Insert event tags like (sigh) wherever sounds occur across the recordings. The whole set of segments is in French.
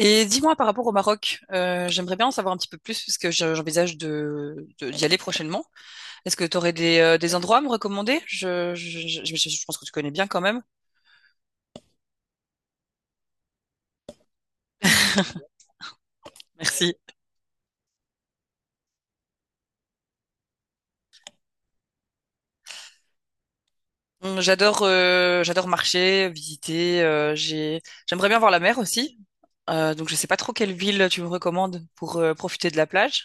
Et dis-moi par rapport au Maroc, j'aimerais bien en savoir un petit peu plus parce que j'envisage d'y aller prochainement. Est-ce que tu aurais des endroits à me recommander? Je pense que tu connais bien quand même. Merci. J'adore j'adore marcher, visiter. J'aimerais bien voir la mer aussi. Donc je sais pas trop quelle ville tu me recommandes pour profiter de la plage.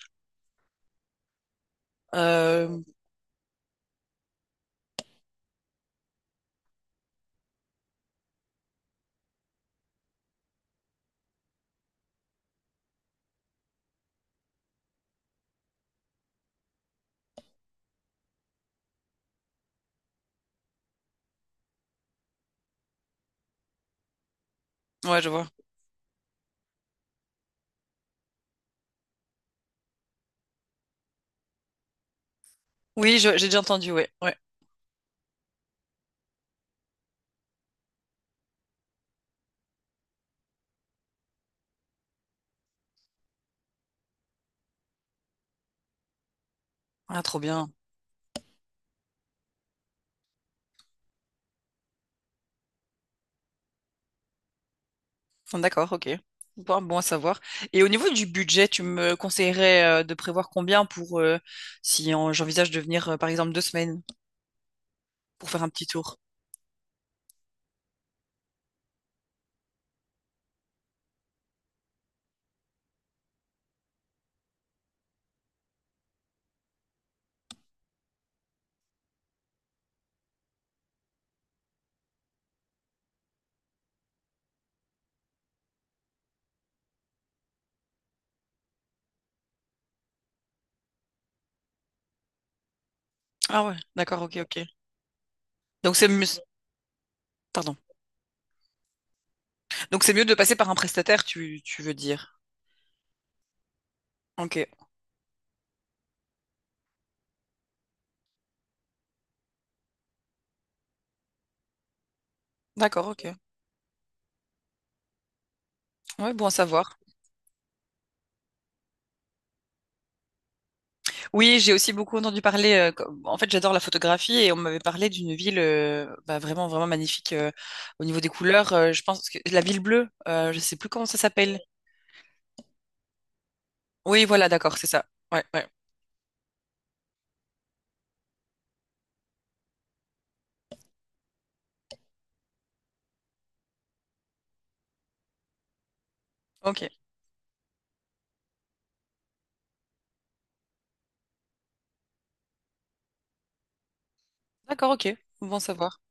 Euh, ouais, je vois. Oui, j'ai déjà entendu. Ouais, ouais. Ah, trop bien. D'accord, ok. Bon, bon à savoir. Et au niveau du budget, tu me conseillerais de prévoir combien pour si j'envisage de venir, par exemple, deux semaines pour faire un petit tour? Ah ouais, d'accord, ok, ok. Donc c'est mieux, pardon. Donc c'est mieux de passer par un prestataire, tu veux dire. Ok, d'accord, ok. Ouais, bon à savoir. Oui, j'ai aussi beaucoup entendu parler. En fait, j'adore la photographie et on m'avait parlé d'une ville bah, vraiment, vraiment magnifique au niveau des couleurs. Je pense que la ville bleue, je sais plus comment ça s'appelle. Oui, voilà, d'accord, c'est ça. Ouais, ouais. Ok, d'accord, ok, bon savoir.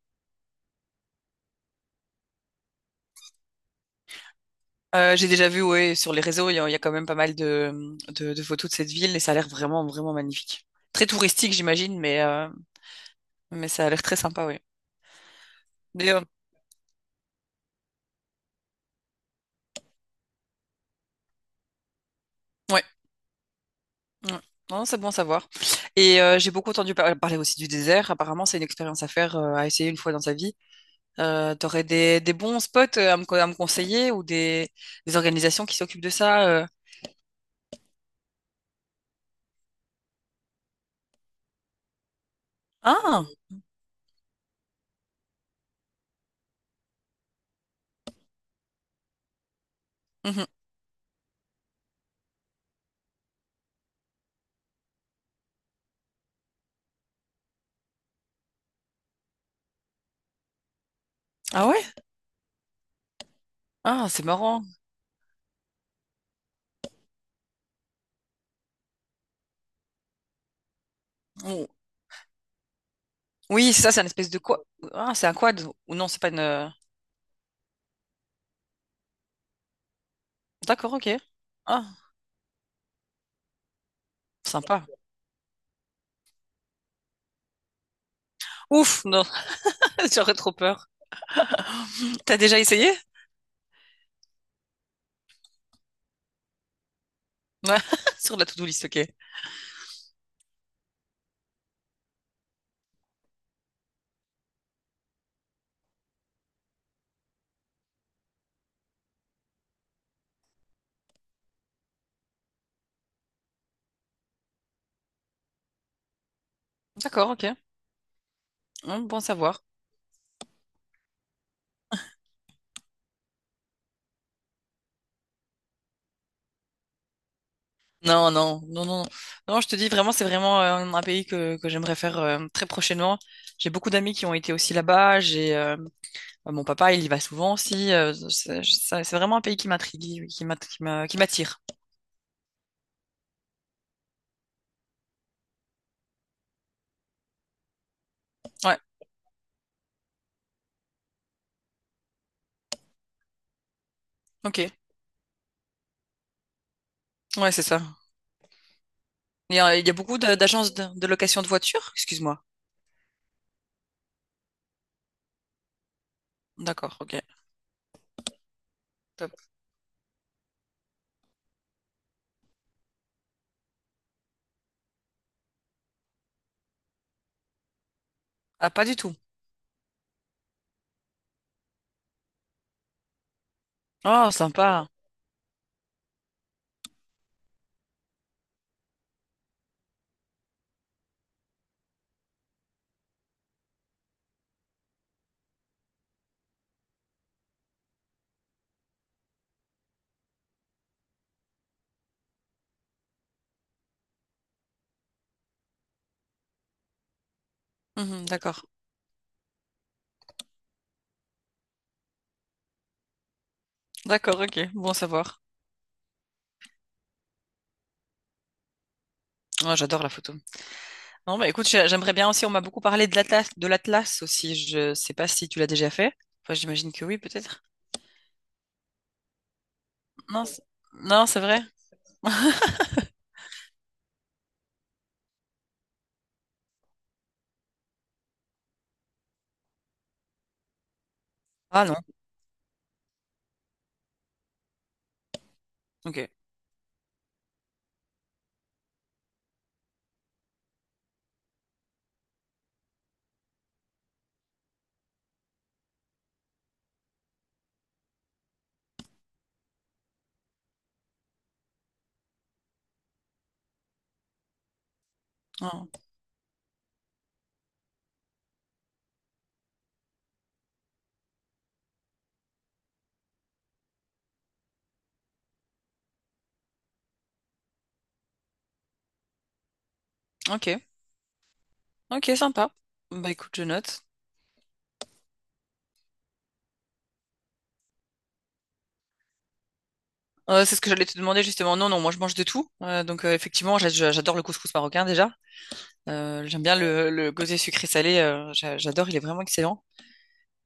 J'ai déjà vu, ouais, sur les réseaux, il y a quand même pas mal de photos de cette ville et ça a l'air vraiment, vraiment magnifique. Très touristique, j'imagine, mais ça a l'air très sympa, oui. Mais, ouais, ouais. Non, c'est bon à savoir. Et j'ai beaucoup entendu parler aussi du désert. Apparemment, c'est une expérience à faire, à essayer une fois dans sa vie. T'aurais des bons spots à à me conseiller ou des organisations qui s'occupent de ça. Ah, mhm. Ah ouais? Ah, c'est marrant. Oh, oui, c'est ça, c'est une espèce de quoi? Ah, c'est un quad. Ou non, c'est pas une. D'accord, ok. Ah, sympa. Ouf, non, (laughs) j'aurais trop peur. T'as déjà essayé? Ouais, (laughs) sur la to-do list, ok. D'accord, ok. Bon à savoir. Non, non, non, non. Non, je te dis vraiment, c'est vraiment un pays que j'aimerais faire très prochainement. J'ai beaucoup d'amis qui ont été aussi là-bas. J'ai mon papa, il y va souvent aussi. C'est vraiment un pays qui m'intrigue, qui m'attire. Ouais, ok. Ouais, c'est ça. Il y a beaucoup d'agences de location de voitures? Excuse-moi. D'accord, ok. Top. Ah, pas du tout. Oh, sympa. Mhm, d'accord. D'accord, ok. Bon à savoir. Oh, j'adore la photo. Non, bah écoute, j'aimerais bien aussi, on m'a beaucoup parlé de l'Atlas aussi. Je sais pas si tu l'as déjà fait. Enfin, j'imagine que oui, peut-être. Non, non, c'est vrai? Ah non. Ok. Non. Ok. Ok, sympa. Bah écoute, je note. C'est ce que j'allais te demander justement. Non, non, moi je mange de tout. Donc effectivement, j'adore le couscous marocain déjà. J'aime bien le gosée sucré-salé, j'adore, il est vraiment excellent.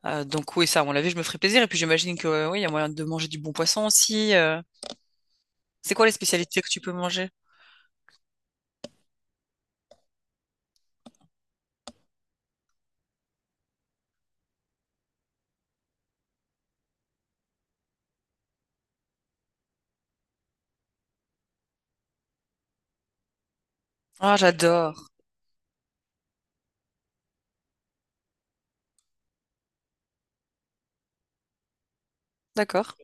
Donc oui, ça, à mon avis, je me ferai plaisir. Et puis j'imagine que oui, il y a moyen de manger du bon poisson aussi. C'est quoi les spécialités que tu peux manger? Ah, j'adore. D'accord.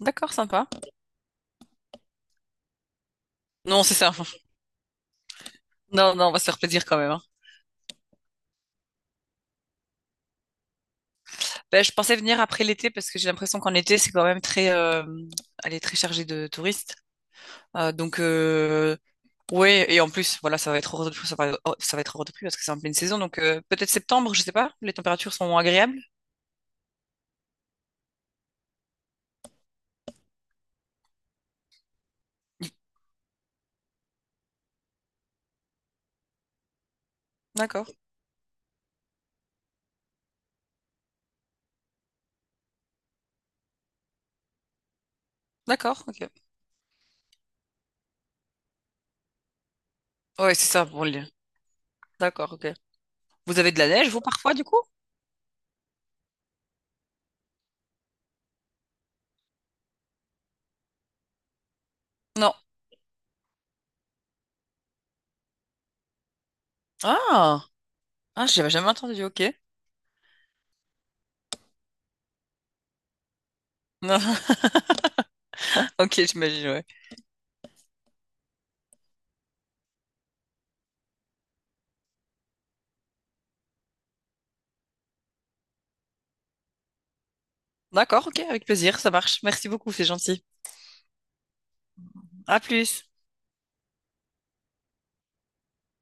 D'accord, sympa. Non, c'est ça. (laughs) Non, non, on va se faire plaisir quand même. Hein. Ben, je pensais venir après l'été parce que j'ai l'impression qu'en été, c'est quand même très, elle est très chargée de touristes. Euh, donc euh, ouais, et en plus, voilà, ça va être hors de prix, ça va, oh, ça va être hors de prix parce que c'est en pleine saison, donc peut-être septembre, je sais pas. Les températures sont agréables. D'accord, d'accord, ok. Ouais, c'est ça pour le. D'accord, ok. Vous avez de la neige, vous, parfois, du coup? Non. Ah, ah, j'avais jamais entendu. Ok. (laughs) Ok, j'imagine. Ouais. D'accord, ok, avec plaisir, ça marche. Merci beaucoup, c'est gentil. À plus.